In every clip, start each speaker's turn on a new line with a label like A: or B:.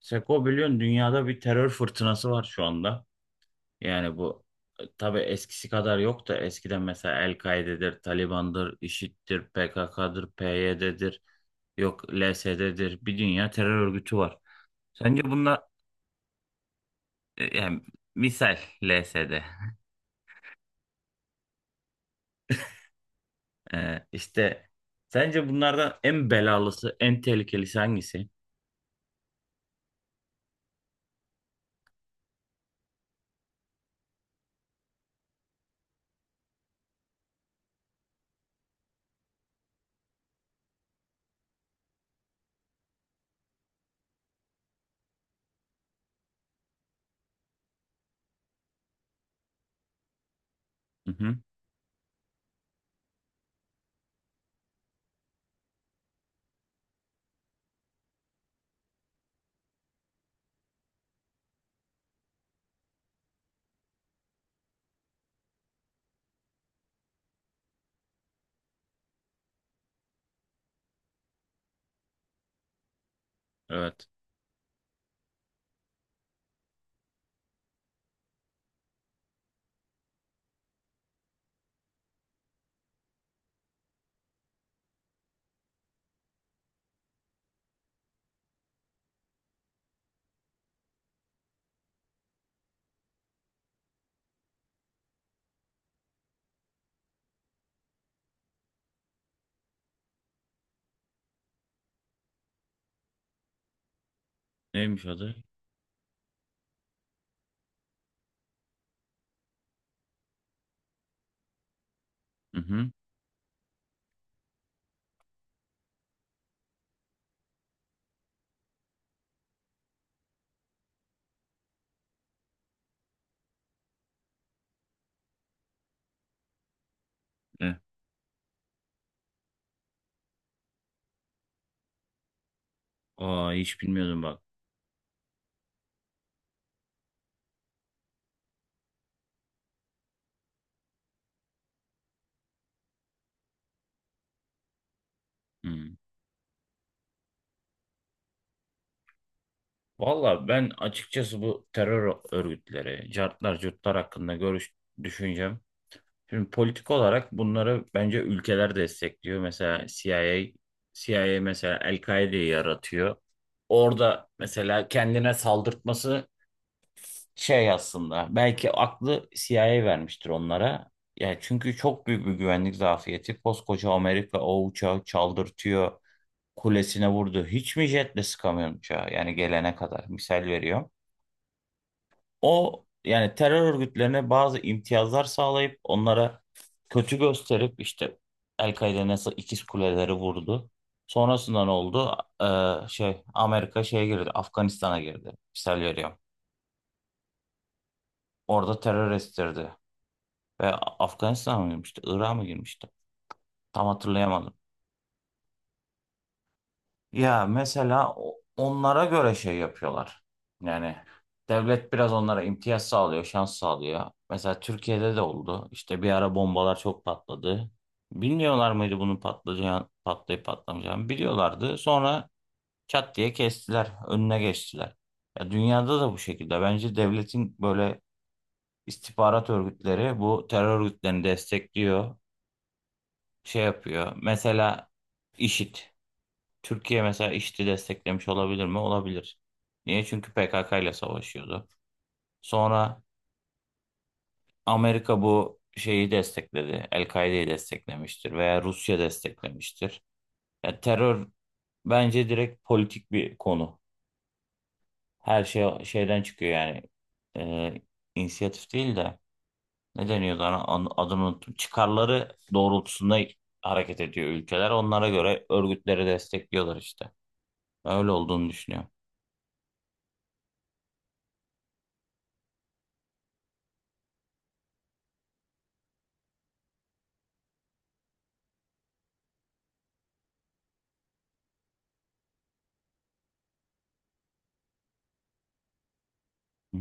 A: Seko, biliyorsun dünyada bir terör fırtınası var şu anda. Yani bu tabii eskisi kadar yok da eskiden mesela El-Kaide'dir, Taliban'dır, IŞİD'dir, PKK'dır, PYD'dir, yok LSD'dir. Bir dünya terör örgütü var. Sence bunlar, yani misal LSD, işte sence bunlardan en belalısı, en tehlikelisi hangisi? Hı hı, evet. Neymiş adı? Hı hı. E, Aa, hiç bilmiyordum bak. Hı. Valla, ben açıkçası bu terör örgütleri, cartlar, curtlar hakkında görüş düşüncem. Şimdi politik olarak bunları bence ülkeler destekliyor. Mesela CIA, CIA mesela El-Kaide'yi yaratıyor. Orada mesela kendine saldırtması şey aslında. Belki aklı CIA vermiştir onlara. Yani çünkü çok büyük bir güvenlik zafiyeti. Koskoca Amerika o uçağı çaldırtıyor. Kulesine vurdu. Hiç mi jetle sıkamıyor uçağı? Yani gelene kadar. Misal veriyorum. O yani terör örgütlerine bazı imtiyazlar sağlayıp onlara kötü gösterip işte El-Kaide nasıl İkiz Kuleleri vurdu. Sonrasında ne oldu? Şey Amerika şeye girdi. Afganistan'a girdi. Misal veriyorum. Orada terör estirdi. Ve Afganistan'a mı girmişti? Irak'a mı girmişti? Tam hatırlayamadım. Ya mesela onlara göre şey yapıyorlar. Yani devlet biraz onlara imtiyaz sağlıyor, şans sağlıyor. Mesela Türkiye'de de oldu. İşte bir ara bombalar çok patladı. Bilmiyorlar mıydı bunun patlayacağını, patlayıp patlamayacağını? Biliyorlardı. Sonra çat diye kestiler, önüne geçtiler. Ya dünyada da bu şekilde. Bence devletin böyle istihbarat örgütleri bu terör örgütlerini destekliyor, şey yapıyor. Mesela IŞİD. Türkiye mesela IŞİD'i desteklemiş olabilir mi? Olabilir. Niye? Çünkü PKK ile savaşıyordu. Sonra Amerika bu şeyi destekledi. El-Kaide'yi desteklemiştir veya Rusya desteklemiştir. Ya terör bence direkt politik bir konu. Her şey şeyden çıkıyor yani. Ee, inisiyatif değil de ne deniyordu adını unuttum. Çıkarları doğrultusunda hareket ediyor ülkeler. Onlara göre örgütleri destekliyorlar işte. Öyle olduğunu düşünüyorum. Hı,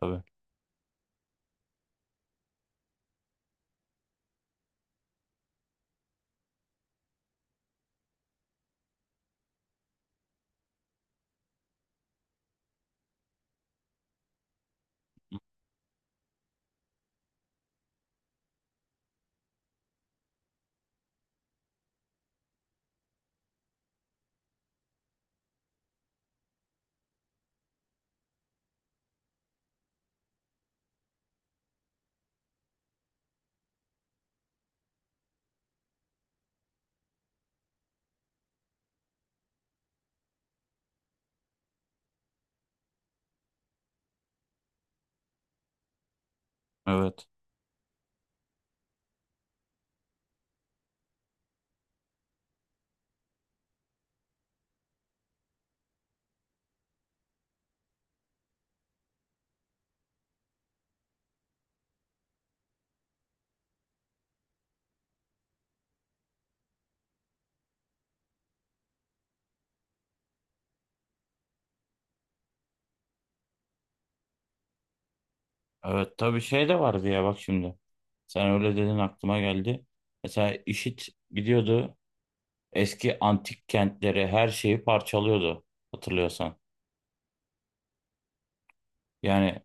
A: tabii. Evet. Evet, tabii şey de vardı ya bak şimdi. Sen öyle dedin aklıma geldi. Mesela IŞİD gidiyordu, eski antik kentleri, her şeyi parçalıyordu hatırlıyorsan. Yani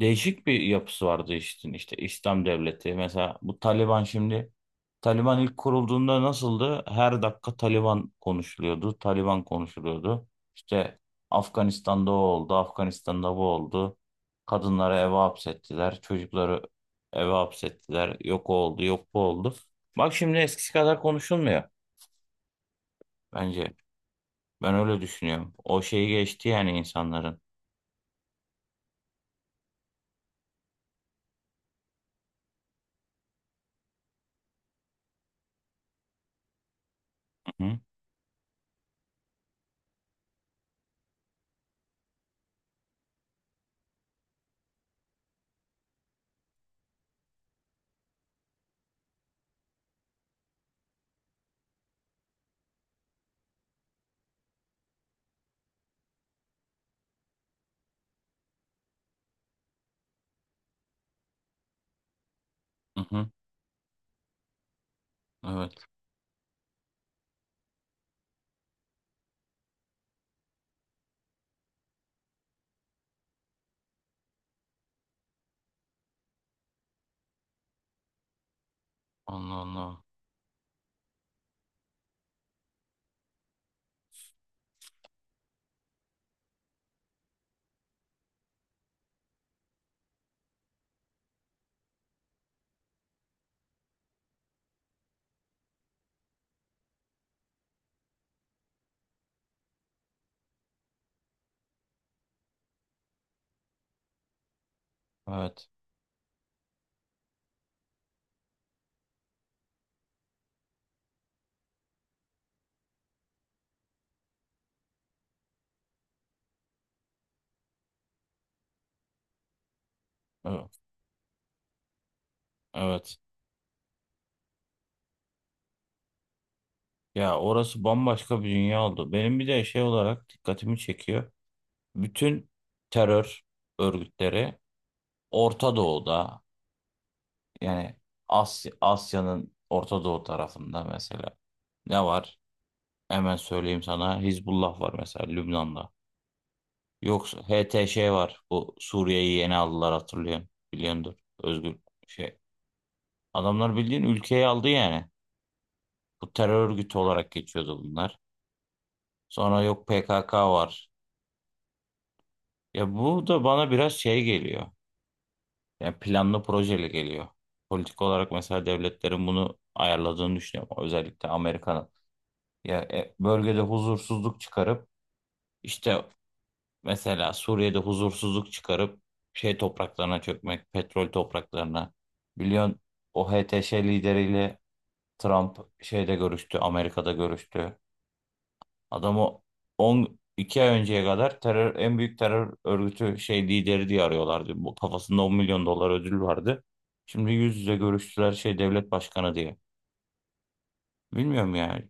A: değişik bir yapısı vardı işte, işte İslam devleti. Mesela bu Taliban şimdi, Taliban ilk kurulduğunda nasıldı? Her dakika Taliban konuşuluyordu. Taliban konuşuluyordu. İşte Afganistan'da o oldu, Afganistan'da bu oldu. Kadınları eve hapsettiler, çocukları eve hapsettiler. Yok o oldu, yok bu oldu. Bak şimdi eskisi kadar konuşulmuyor bence. Ben öyle düşünüyorum. O şeyi geçti yani insanların. Hı hı. Hı hı. Evet. Allah Allah. Evet. Evet. Evet. Ya, orası bambaşka bir dünya oldu. Benim bir de şey olarak dikkatimi çekiyor. Bütün terör örgütleri Orta Doğu'da, yani Asya, Asya'nın Orta Doğu tarafında mesela ne var? Hemen söyleyeyim sana. Hizbullah var mesela Lübnan'da. Yoksa HTŞ var. Bu Suriye'yi yeni aldılar, hatırlıyorsun. Biliyordur. Özgür şey. Adamlar bildiğin ülkeyi aldı yani. Bu terör örgütü olarak geçiyordu bunlar. Sonra yok PKK var. Ya bu da bana biraz şey geliyor. Yani planlı projeli geliyor. Politik olarak mesela devletlerin bunu ayarladığını düşünüyorum. Özellikle Amerika'nın. Ya, bölgede huzursuzluk çıkarıp işte mesela Suriye'de huzursuzluk çıkarıp şey topraklarına çökmek, petrol topraklarına. Biliyorsun o HTŞ lideriyle Trump şeyde görüştü, Amerika'da görüştü. Adamı 12 ay önceye kadar terör, en büyük terör örgütü şey lideri diye arıyorlardı. Bu kafasında 10 milyon dolar ödül vardı. Şimdi yüz yüze görüştüler şey devlet başkanı diye. Bilmiyorum yani.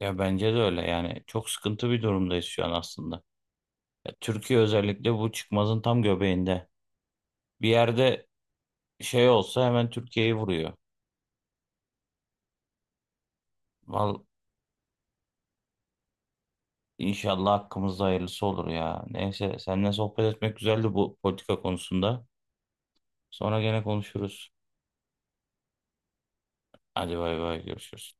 A: Ya bence de öyle yani. Çok sıkıntı bir durumdayız şu an aslında. Ya Türkiye özellikle bu çıkmazın tam göbeğinde. Bir yerde şey olsa hemen Türkiye'yi vuruyor. Val inşallah hakkımızda hayırlısı olur ya. Neyse, seninle sohbet etmek güzeldi bu politika konusunda. Sonra gene konuşuruz. Hadi bay bay, görüşürüz.